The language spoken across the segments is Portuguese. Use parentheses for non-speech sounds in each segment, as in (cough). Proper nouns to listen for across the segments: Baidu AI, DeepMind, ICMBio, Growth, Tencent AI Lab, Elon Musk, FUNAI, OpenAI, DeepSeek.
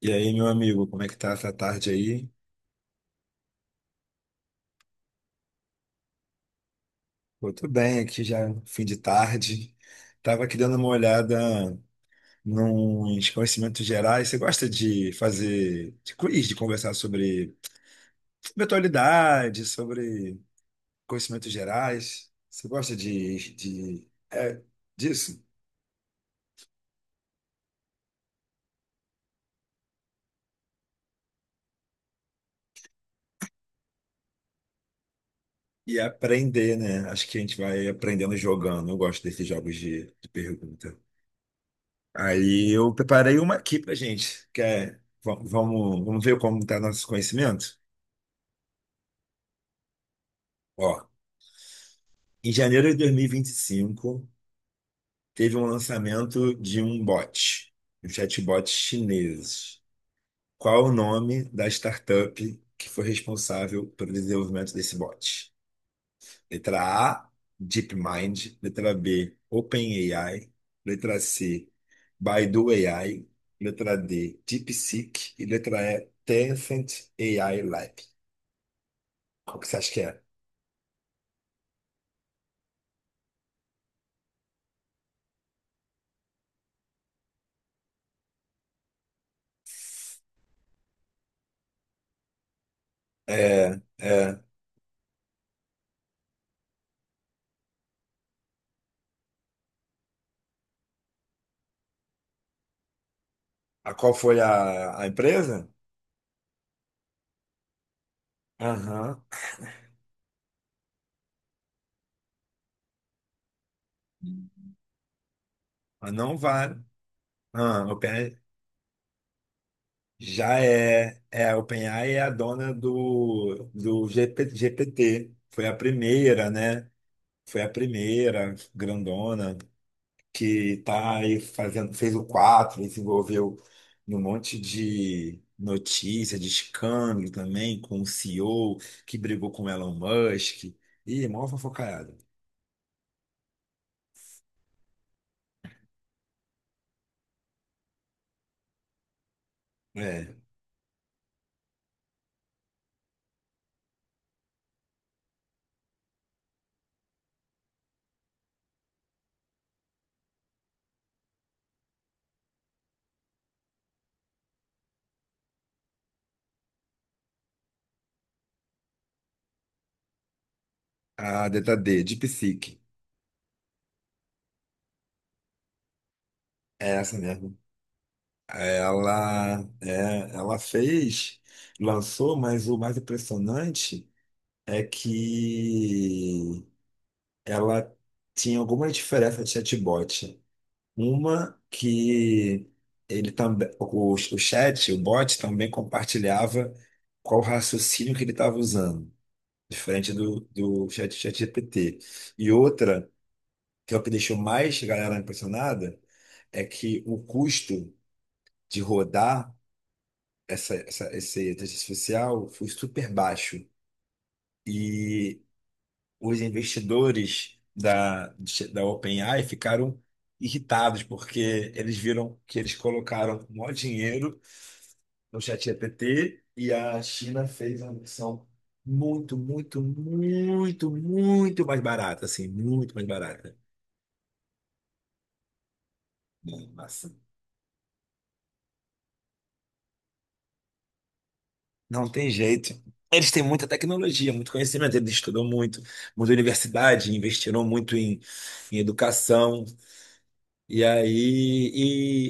E aí, meu amigo, como é que tá essa tarde aí? Pô, tô bem aqui já, fim de tarde. Tava aqui dando uma olhada nos conhecimentos gerais. Você gosta de fazer de quiz, de conversar sobre atualidade, sobre conhecimentos gerais? Você gosta de disso? E aprender, né? Acho que a gente vai aprendendo jogando. Eu gosto desses jogos de pergunta. Aí eu preparei uma aqui pra gente, que é, vamos ver como tá nosso conhecimento? Ó, em janeiro de dois mil e vinte e cinco, teve um lançamento de um bot, um chatbot chinês. Qual o nome da startup que foi responsável pelo desenvolvimento desse bot? Letra A, DeepMind. Letra B, OpenAI. Letra C, Baidu AI. Letra D, DeepSeek. E letra E, Tencent AI Lab. Qual que você acha que é? É, é. A qual foi a empresa? Aham. Ah, não vale. Ah, OpenAI já é. É, a OpenAI é a dona do, do GP GPT. Foi a primeira, né? Foi a primeira grandona, que tá aí fazendo, fez o 4 e se envolveu em um monte de notícia, de escândalo também, com o CEO que brigou com o Elon Musk. Ih, mó fofocaiada. É, a DTD, de É essa mesmo. Ela, é, ela fez, lançou, mas o mais impressionante é que ela tinha alguma diferença de chatbot. Uma que ele também, o chat, o bot também compartilhava qual raciocínio que ele estava usando, diferente do, do chat GPT. E outra, que é o que deixou mais a galera impressionada, é que o custo de rodar esse inteligência artificial foi super baixo. E os investidores da OpenAI ficaram irritados, porque eles viram que eles colocaram o maior dinheiro no ChatGPT e a China fez uma versão muito mais barata, assim, muito mais barata. Nossa, não tem jeito. Eles têm muita tecnologia, muito conhecimento, eles estudam muito, muita universidade, investiram muito em educação. E aí,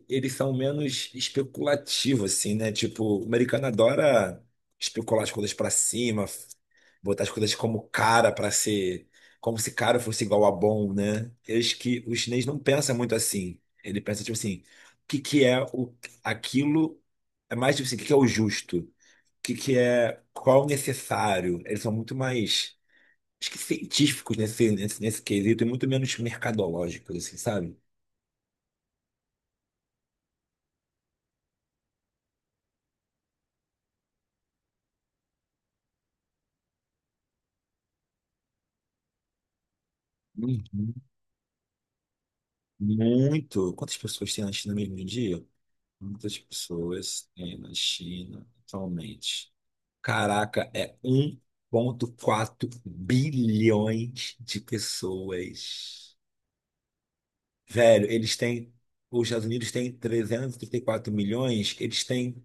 e eles são menos especulativos, assim, né? Tipo, o americano adora especular as coisas pra cima, botar as coisas como cara pra ser, como se cara fosse igual a bom, né? Eles que o chinês não pensa muito assim. Ele pensa tipo assim, o que que é o aquilo é mais tipo assim, o que que é o justo? O que que é qual é o necessário? Eles são muito mais acho que científicos nesse quesito e muito menos mercadológicos, assim, sabe? Uhum. Muito. Quantas pessoas tem na China mesmo em dia? Muitas pessoas tem na China atualmente. Caraca, é 1,4 bilhões de pessoas. Velho, eles têm. Os Estados Unidos têm 334 milhões, eles têm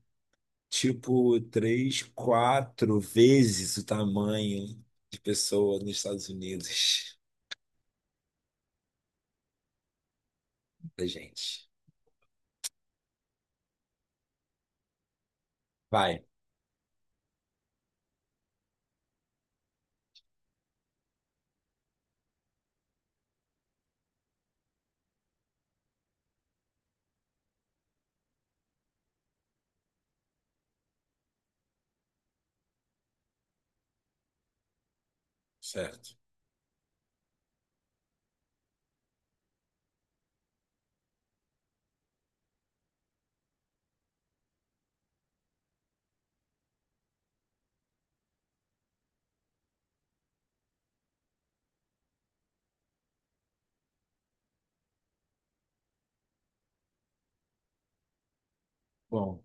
tipo 3 4 vezes o tamanho de pessoas nos Estados Unidos (laughs) da gente. Vai, certo. Bom,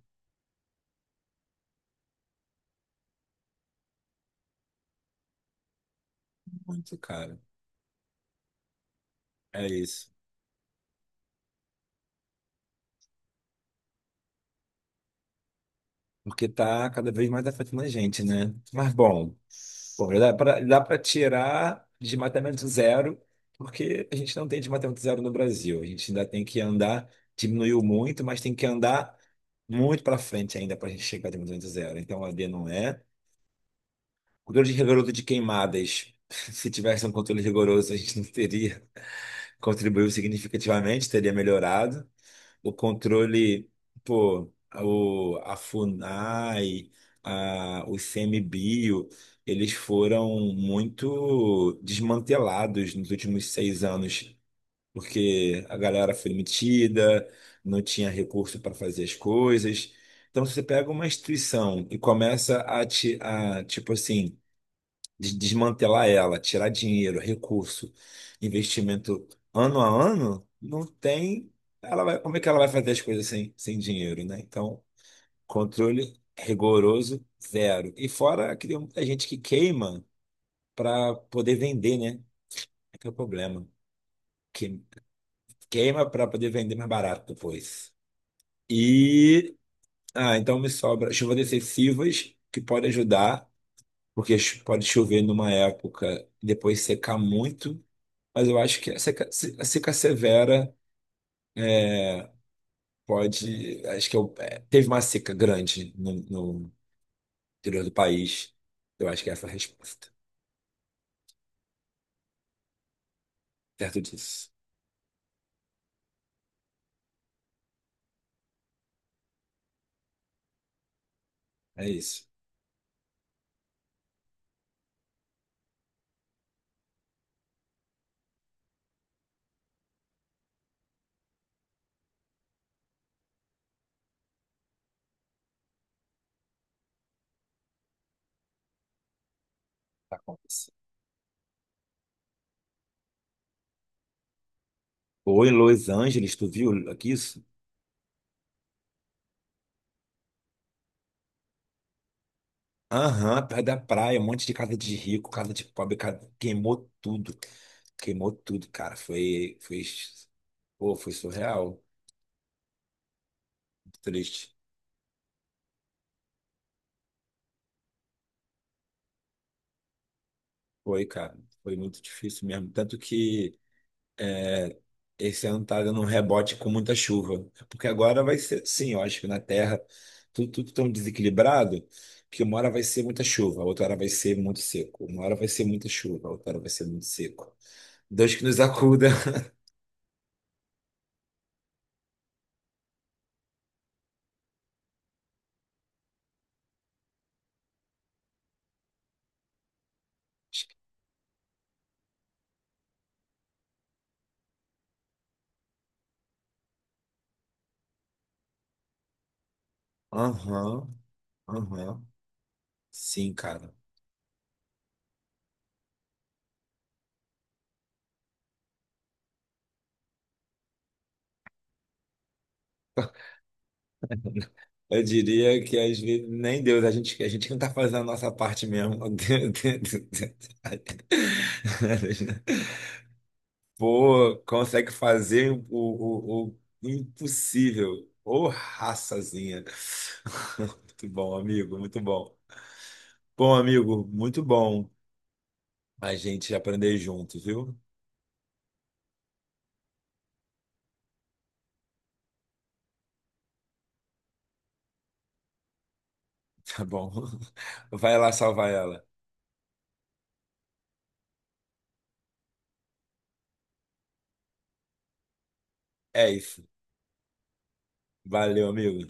muito caro. É isso, porque tá cada vez mais afetando a gente, né? Mas bom, pô, dá pra tirar desmatamento zero, porque a gente não tem desmatamento zero no Brasil. A gente ainda tem que andar, diminuiu muito, mas tem que andar muito para frente ainda para a gente chegar a desmatamento zero. Então a D não é. Controle rigoroso de queimadas. (laughs) Se tivesse um controle rigoroso, a gente não teria (laughs) contribuído significativamente, teria melhorado o controle, pô, o, a FUNAI, a, o ICMBio, eles foram muito desmantelados nos últimos 6 anos, porque a galera foi metida, não tinha recurso para fazer as coisas. Então, se você pega uma instituição e começa a, a tipo assim, desmantelar ela, tirar dinheiro, recurso, investimento ano a ano, não tem. Ela vai, como é que ela vai fazer as coisas sem, sem dinheiro, né? Então, controle rigoroso, zero. E fora que tem muita gente que queima para poder vender, né? É que é o problema. Que- Queima para poder vender mais barato depois. E. Ah, então me sobra chuvas excessivas que podem ajudar, porque pode chover numa época e depois secar muito. Mas eu acho que a seca, a seca severa pode. Acho que eu, é, teve uma seca grande no, no interior do país. Eu acho que essa é a resposta. Certo disso. É isso. Tá acontecendo. Ou em Los Angeles, tu viu aqui isso? Aham, perto da praia, um monte de casa de rico, casa de pobre, queimou tudo. Queimou tudo, cara. Foi, foi surreal. Triste. Foi, cara. Foi muito difícil mesmo. Tanto que. É, esse ano tá dando um rebote com muita chuva. É. Porque agora vai ser assim, eu acho que na Terra tudo, tudo tão desequilibrado que uma hora vai ser muita chuva, outra hora vai ser muito seco. Uma hora vai ser muita chuva, outra hora vai ser muito seco. Deus que nos acuda. (laughs) Aham, aham. Sim, cara. Eu diria que às vezes nem Deus, a gente não tá fazendo a nossa parte mesmo. (laughs) Pô, consegue fazer o impossível. Ô, raçazinha. (laughs) Muito bom, amigo, muito bom. Bom, amigo, muito bom a gente aprender junto, viu? Tá bom. (laughs) Vai lá salvar ela. É isso. Valeu, amigo.